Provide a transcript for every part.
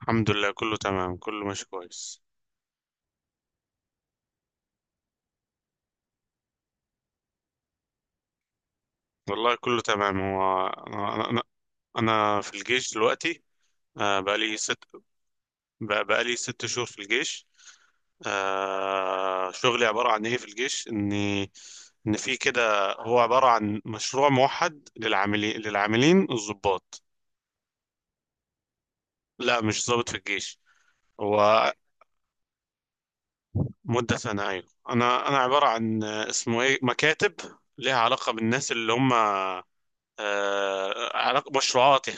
الحمد لله، كله تمام كله ماشي كويس. والله كله تمام. هو أنا أنا في الجيش دلوقتي. بقالي ست. بقالي 6 شهور في الجيش. شغلي عبارة عن إيه في الجيش، إني إن في كده، هو عبارة عن مشروع موحد للعاملين الضباط. لا، مش ضابط في الجيش. هو مدة سنة، أيوة. أنا عبارة عن اسمه إيه، مكاتب ليها علاقة بالناس اللي هم. مشروعاتها.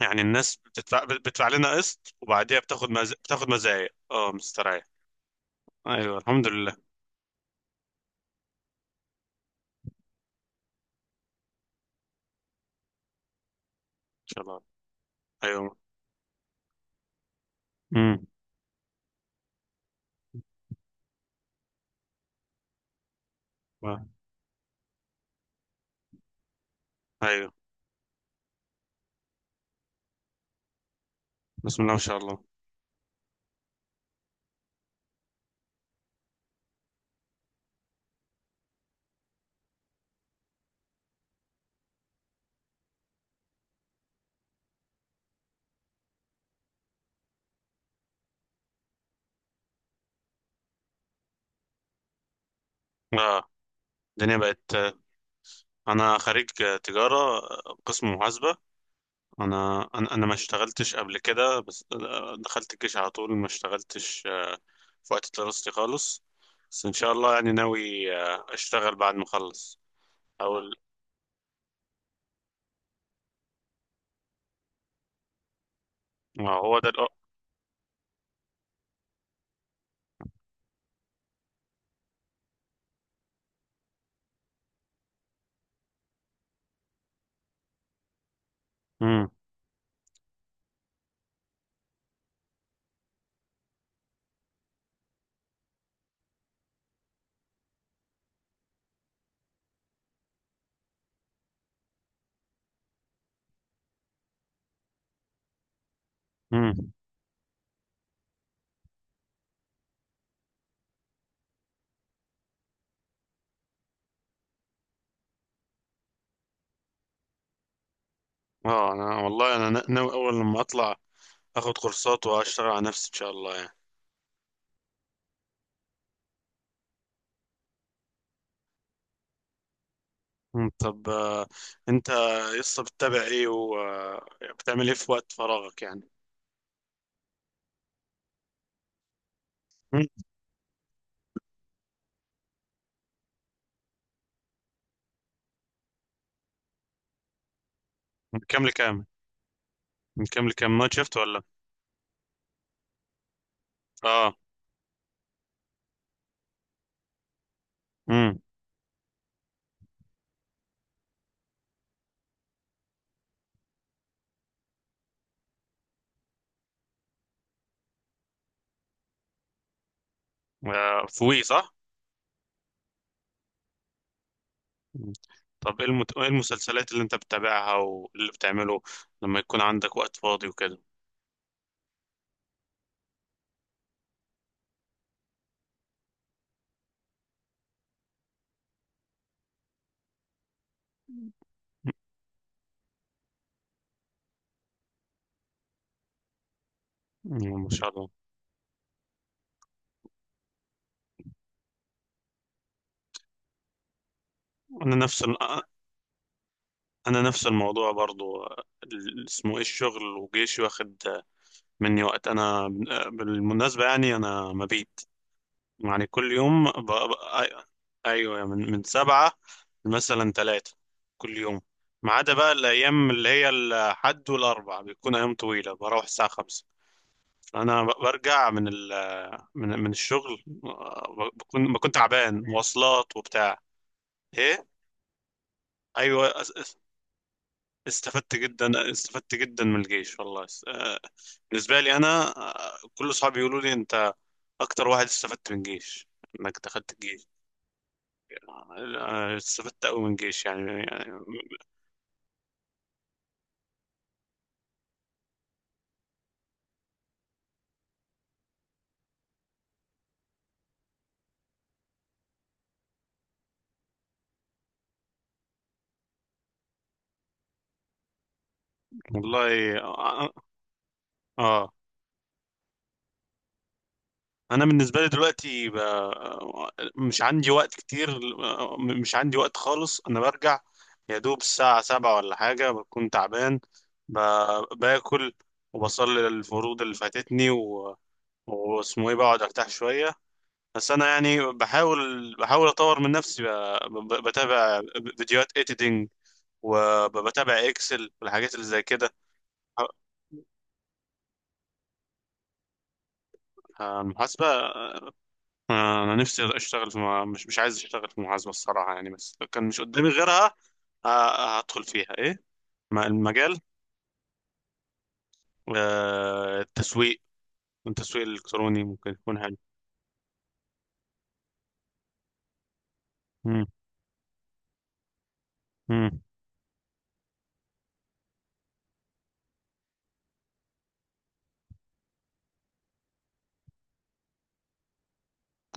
يعني الناس بتدفع لنا قسط وبعديها بتاخد بتاخد مزايا. اه مستريح. ايوه الحمد لله، ان شاء الله. ايوه. امم. ايوه. بسم الله ما شاء الله. اه الدنيا بقت. انا خريج تجاره، قسم محاسبه. انا انا أنا ما اشتغلتش قبل كده، بس دخلت الجيش على طول، ما اشتغلتش في وقت دراستي خالص. بس ان شاء الله، يعني ناوي اشتغل بعد ما اخلص. او ال- آه، هو ده امم. اه، انا والله انا ناوي اول لما اطلع اخد كورسات واشتغل على نفسي ان شاء الله يعني. طب انت لسه بتتابع ايه وبتعمل ايه في وقت فراغك يعني؟ مم. من كام لكام؟ من كام لكام، نايت شيفت ولا؟ اه. امم. في وي صح؟ مم. طب ايه ايه المسلسلات اللي انت بتتابعها واللي بتعمله لما يكون عندك وقت فاضي وكده؟ مم، ما شاء الله. انا نفس انا نفس الموضوع برضو، اسمه ايه، الشغل وجيشي واخد مني وقت. انا بالمناسبه يعني انا مبيت، يعني كل يوم ايوه، من 7 مثلا 3، كل يوم، ما عدا بقى الايام اللي هي الحد والاربع بيكون ايام طويله، بروح الساعه 5. فانا برجع من ال... من من الشغل، بكون تعبان، مواصلات وبتاع. ايه. ايوه. استفدت جدا استفدت جدا من الجيش والله. بالنسبة لي أنا، كل أصحابي يقولوا لي أنت أكتر واحد استفدت من الجيش، إنك دخلت الجيش. استفدت أوي من الجيش يعني, والله. آه أنا بالنسبة لي دلوقتي مش عندي وقت كتير، مش عندي وقت خالص. أنا برجع يا دوب الساعة 7 ولا حاجة، بكون تعبان، باكل وبصلي الفروض اللي فاتتني، واسمه ايه، بقعد ارتاح شويه. بس انا يعني بحاول اطور من نفسي، بتابع فيديوهات ايديتنج، وبتابع اكسل والحاجات اللي زي كده. المحاسبه، انا نفسي اشتغل في مش عايز اشتغل في المحاسبه الصراحه يعني، بس لو كان مش قدامي غيرها هدخل فيها. ايه المجال؟ التسويق، التسويق الالكتروني ممكن يكون حلو. مم. مم.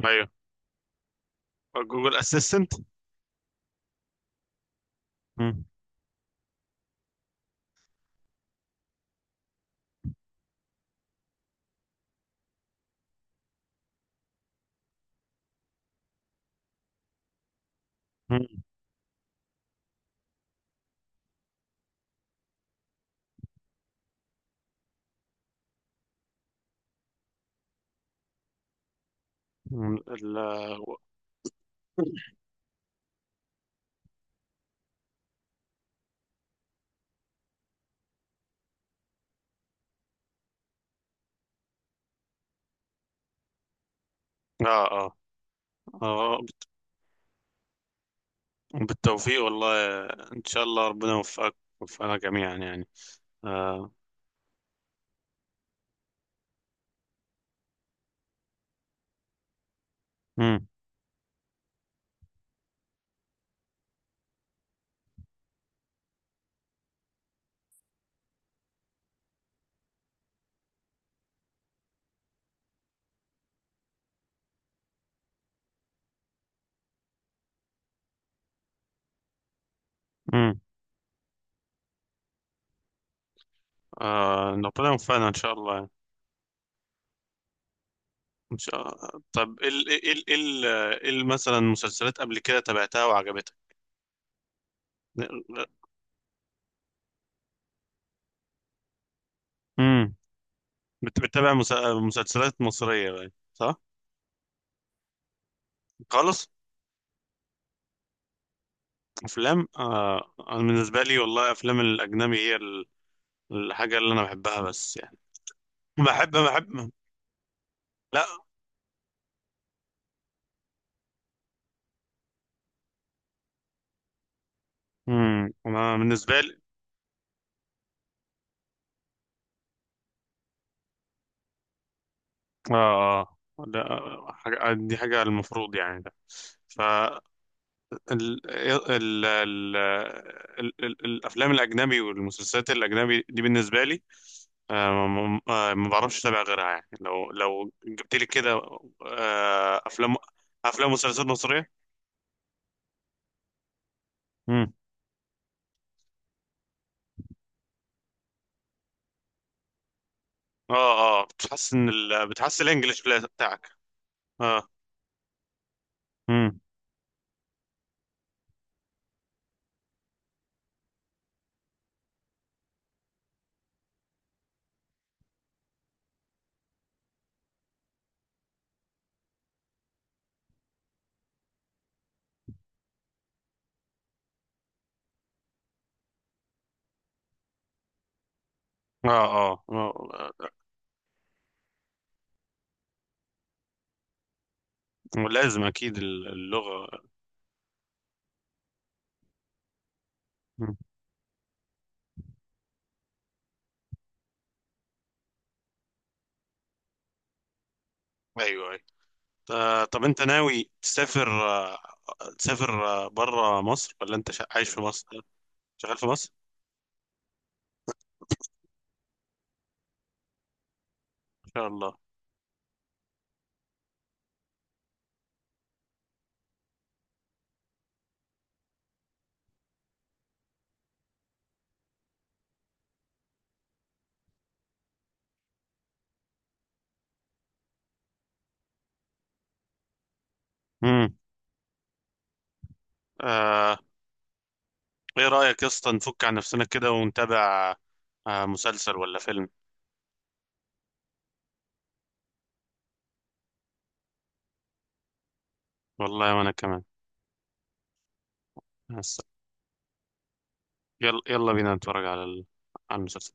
ايوه. جوجل اسيستنت. مم. مم. اه. آه. آه بالتوفيق والله، إن شاء الله ربنا يوفقك ويوفقنا جميعا يعني. آه. مم. مم. آه ربنا يوفقنا إن شاء الله يعني. إن شاء الله. طب إيه ال مثلا، مسلسلات قبل كده تابعتها وعجبتك؟ مم. بت- بتتابع مس- مسلسلات مصرية بقى صح؟ خالص. أفلام، آه أنا بالنسبة لي والله أفلام الأجنبي هي الحاجة اللي أنا بحبها بس يعني. بحب بحب. لا. امم. انا بالنسبه لي، اه آه. ده حاجة، دي حاجة المفروض يعني، ده ف ال... ال... ال... الافلام الاجنبي والمسلسلات الاجنبي دي بالنسبة لي، ما بعرفش اتابع غيرها يعني، لو جبت لي كده افلام، افلام ومسلسلات مصرية. امم. اه. اه بتحسن بتحسن الانجليش بتاعك. اه. امم. اه. اه. آه. لازم اكيد اللغة. مم. ايوه أيوة. طب انت ناوي تسافر بره مصر، ولا انت عايش في مصر، شغال في مصر؟ ان شاء الله. امم. آه. ايه رايك يا اسطى نفك عن نفسنا كده ونتابع آه مسلسل ولا فيلم؟ والله وانا كمان. هس- يلا يلا بينا نتفرج على على المسلسل.